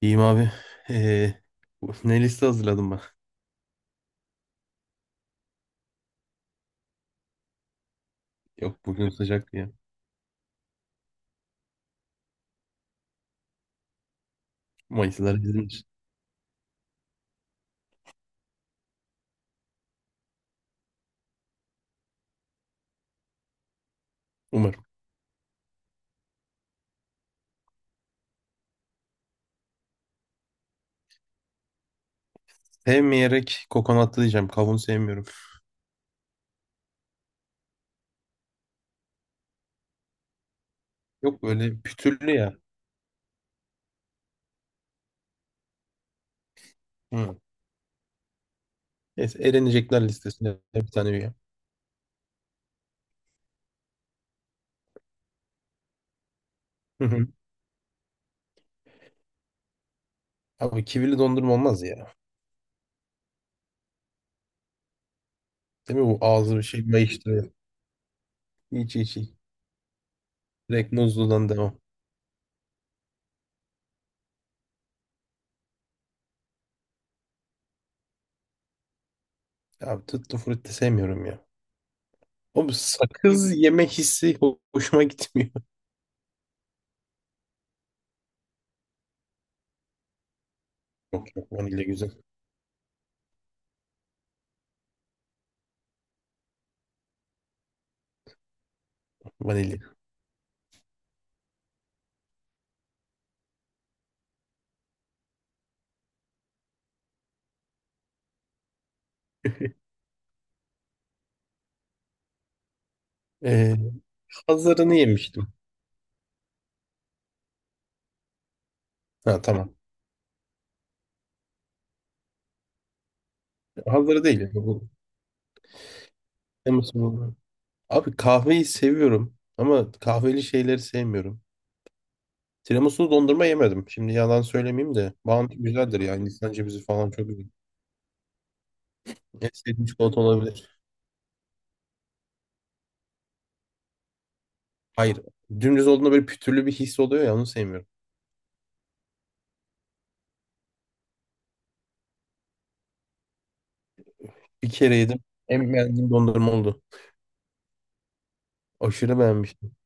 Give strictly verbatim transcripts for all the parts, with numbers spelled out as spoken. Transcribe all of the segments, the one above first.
İyiyim abi. Ee, Ne liste hazırladım ben? Yok, bugün sıcak diye. Mayıslar bizim için. Umarım. Sevmeyerek kokonatlı diyeceğim. Kavun sevmiyorum. Yok, böyle pütürlü ya. Hı. Neyse, elenecekler listesine bir tane üye. Hı hı. Abi, kivili dondurma olmaz ya. Değil mi, bu ağzı bir şey mayıştırıyor. Hiç hiç hiç. Direkt muzludan devam. Abi, tuttu frutti sevmiyorum ya. O sakız yeme hissi ho- hoşuma gitmiyor. Yok yok, vanilya güzel. Vanilya. Ee, Hazırını yemiştim. Ha tamam. Havları değil, yani. Bu tiramisu, abi kahveyi seviyorum ama kahveli şeyleri sevmiyorum. Tiramisulu dondurma yemedim. Şimdi yalan söylemeyeyim de. Bounty güzeldir yani, Hindistan cevizi falan çok güzel. En sevdiğim çikolata olabilir. Hayır. Dümdüz olduğunda böyle pütürlü bir his oluyor ya, onu sevmiyorum. Bir kere yedim. En beğendiğim dondurma oldu. Aşırı beğenmiştim.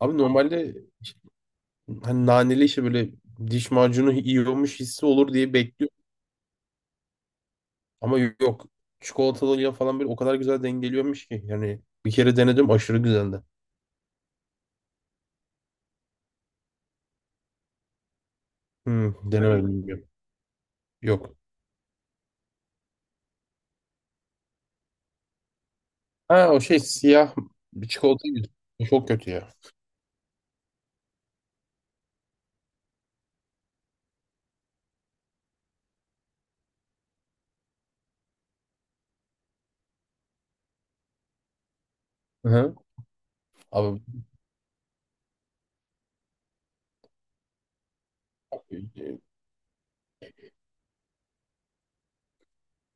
Abi normalde, hani naneli işte böyle diş macunu yiyormuş hissi olur diye bekliyorum. Ama y- yok. Çikolatalıyla falan böyle o kadar güzel dengeliyormuş ki. Yani bir kere denedim, aşırı güzeldi. Hmm, denemedim, bilmiyorum. Yok. Ha, o şey siyah bir çikolata gibi. O çok kötü ya. Hı-hı. Abi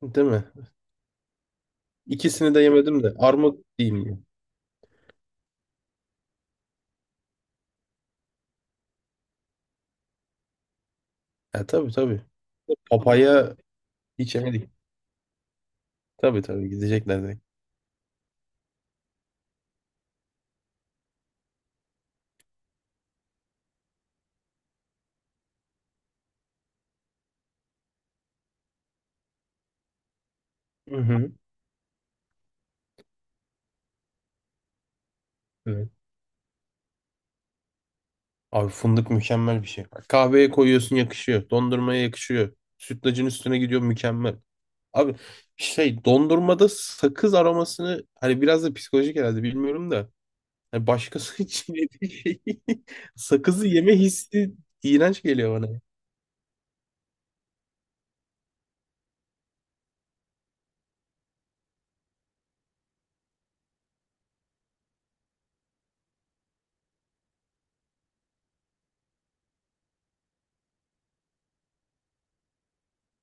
değil mi? İkisini de yemedim de, armut değil mi? Ha, tabii tabii. Papaya hiç yemedik. Tabii tabii, gidecekler direkt. Hı hı. Abi, fındık mükemmel bir şey. Kahveye koyuyorsun, yakışıyor. Dondurmaya yakışıyor. Sütlacın üstüne gidiyor, mükemmel. Abi şey, dondurmada sakız aromasını hani biraz da psikolojik herhalde, bilmiyorum da. Hani başkası için yediği şey, sakızı yeme hissi iğrenç geliyor bana.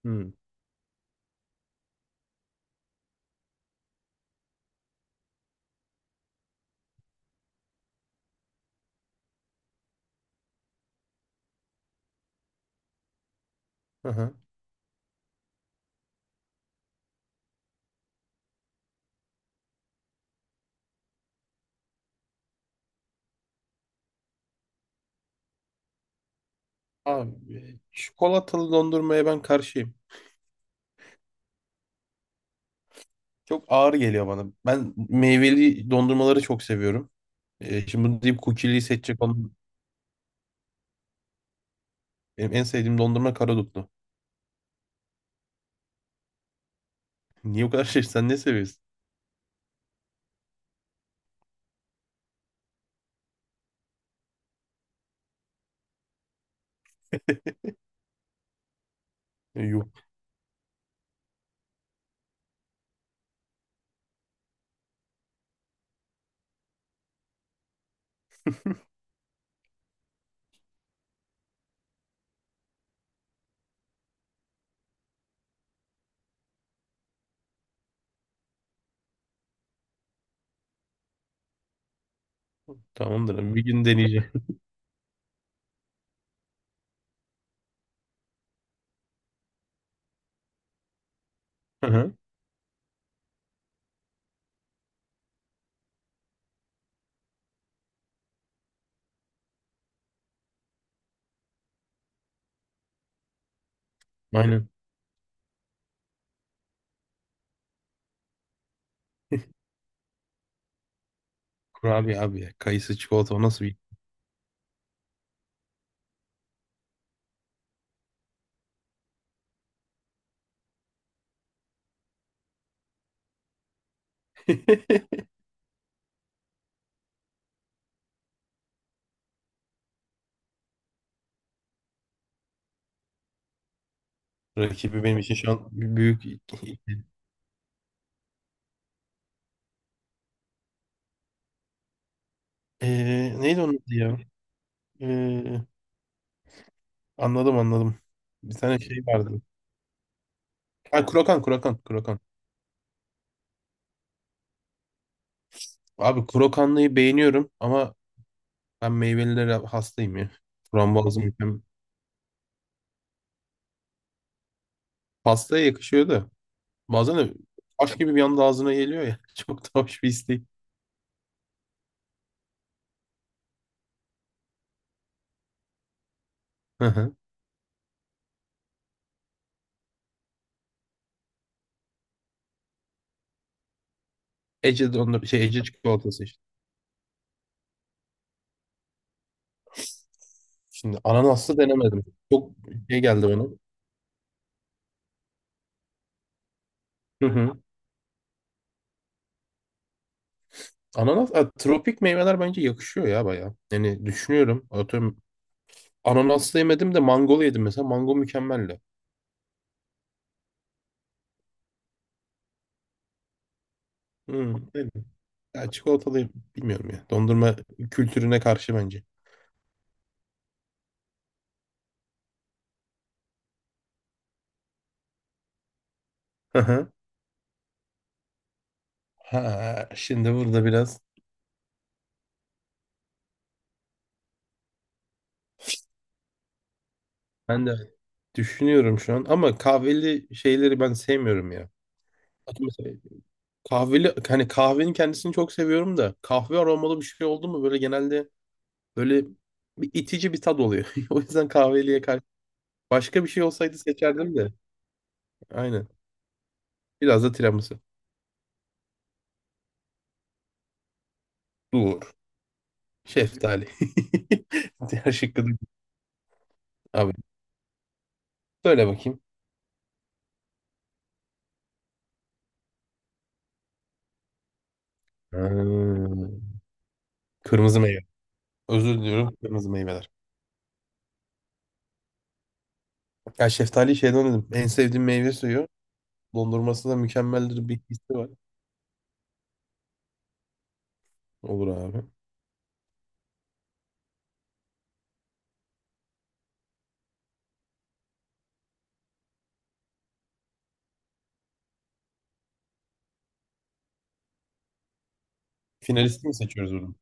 Hmm. Aha. Abi e, çikolatalı dondurmaya ben karşıyım. Çok ağır geliyor bana. Ben meyveli dondurmaları çok seviyorum. Ee, şimdi bunu deyip cookie'liyi seçecek olan benim en sevdiğim dondurma karadutlu. Niye o kadar şey? Sen ne seviyorsun? Yok. Tamamdır abi. Bir gün deneyeceğim. Aha, aynen. Kurabiye abi ya. Kayısı çikolata, o nasıl bir rakibi benim için şu an bir büyük. Ee, neydi onun adı ya? Ee, Anladım anladım. Bir tane şey vardı. Ha, krokan krokan krokan. Abi krokanlıyı beğeniyorum ama ben meyvelilere hastayım ya. Frambuazım, hem pastaya yakışıyor da bazen de taş gibi bir anda ağzına geliyor ya. Çok da hoş bir istek. Hı hı. Ece dondurma şey, Ece çikolatası. Şimdi ananaslı denemedim. Çok şey geldi bana. Hı hı. Ananas, a, tropik meyveler bence yakışıyor ya bayağı. Yani düşünüyorum. Atıyorum, ananaslı yemedim de mangolu yedim mesela. Mango mükemmeldi. Hı, evet. Ya, çikolatalıyım. Bilmiyorum ya. Dondurma kültürüne karşı bence. Hı hı. Ha, şimdi burada biraz ben de düşünüyorum şu an, ama kahveli şeyleri ben sevmiyorum ya. Atıyorum mesela, kahveli hani kahvenin kendisini çok seviyorum da kahve aromalı bir şey oldu mu böyle genelde böyle bir itici bir tad oluyor. O yüzden kahveliye karşı. Başka bir şey olsaydı seçerdim de. Aynen. Biraz da tiramisu. Dur. Şeftali. Diğer şıkkı da. Abi söyle bakayım. Hmm. Kırmızı meyve. Özür diliyorum. Kırmızı meyveler. Ya şeftali şeyden dedim. En sevdiğim meyve suyu. Dondurması da mükemmeldir bir hissi var. Olur abi. Finalisti mi seçiyoruz burada?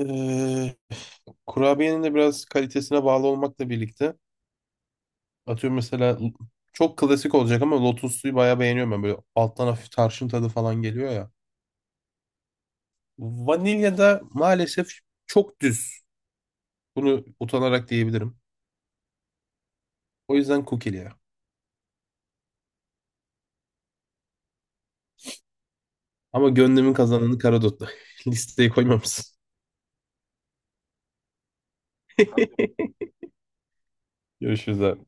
Ee, Kurabiyenin de biraz kalitesine bağlı olmakla birlikte, atıyorum mesela, çok klasik olacak ama lotus suyu bayağı beğeniyorum ben. Böyle alttan hafif tarçın tadı falan geliyor ya. Vanilya da maalesef çok düz. Bunu utanarak diyebilirim. O yüzden kukili ya. Ama gönlümün kazananı karadotlu. Listeye koymamışsın. Görüşürüz abi.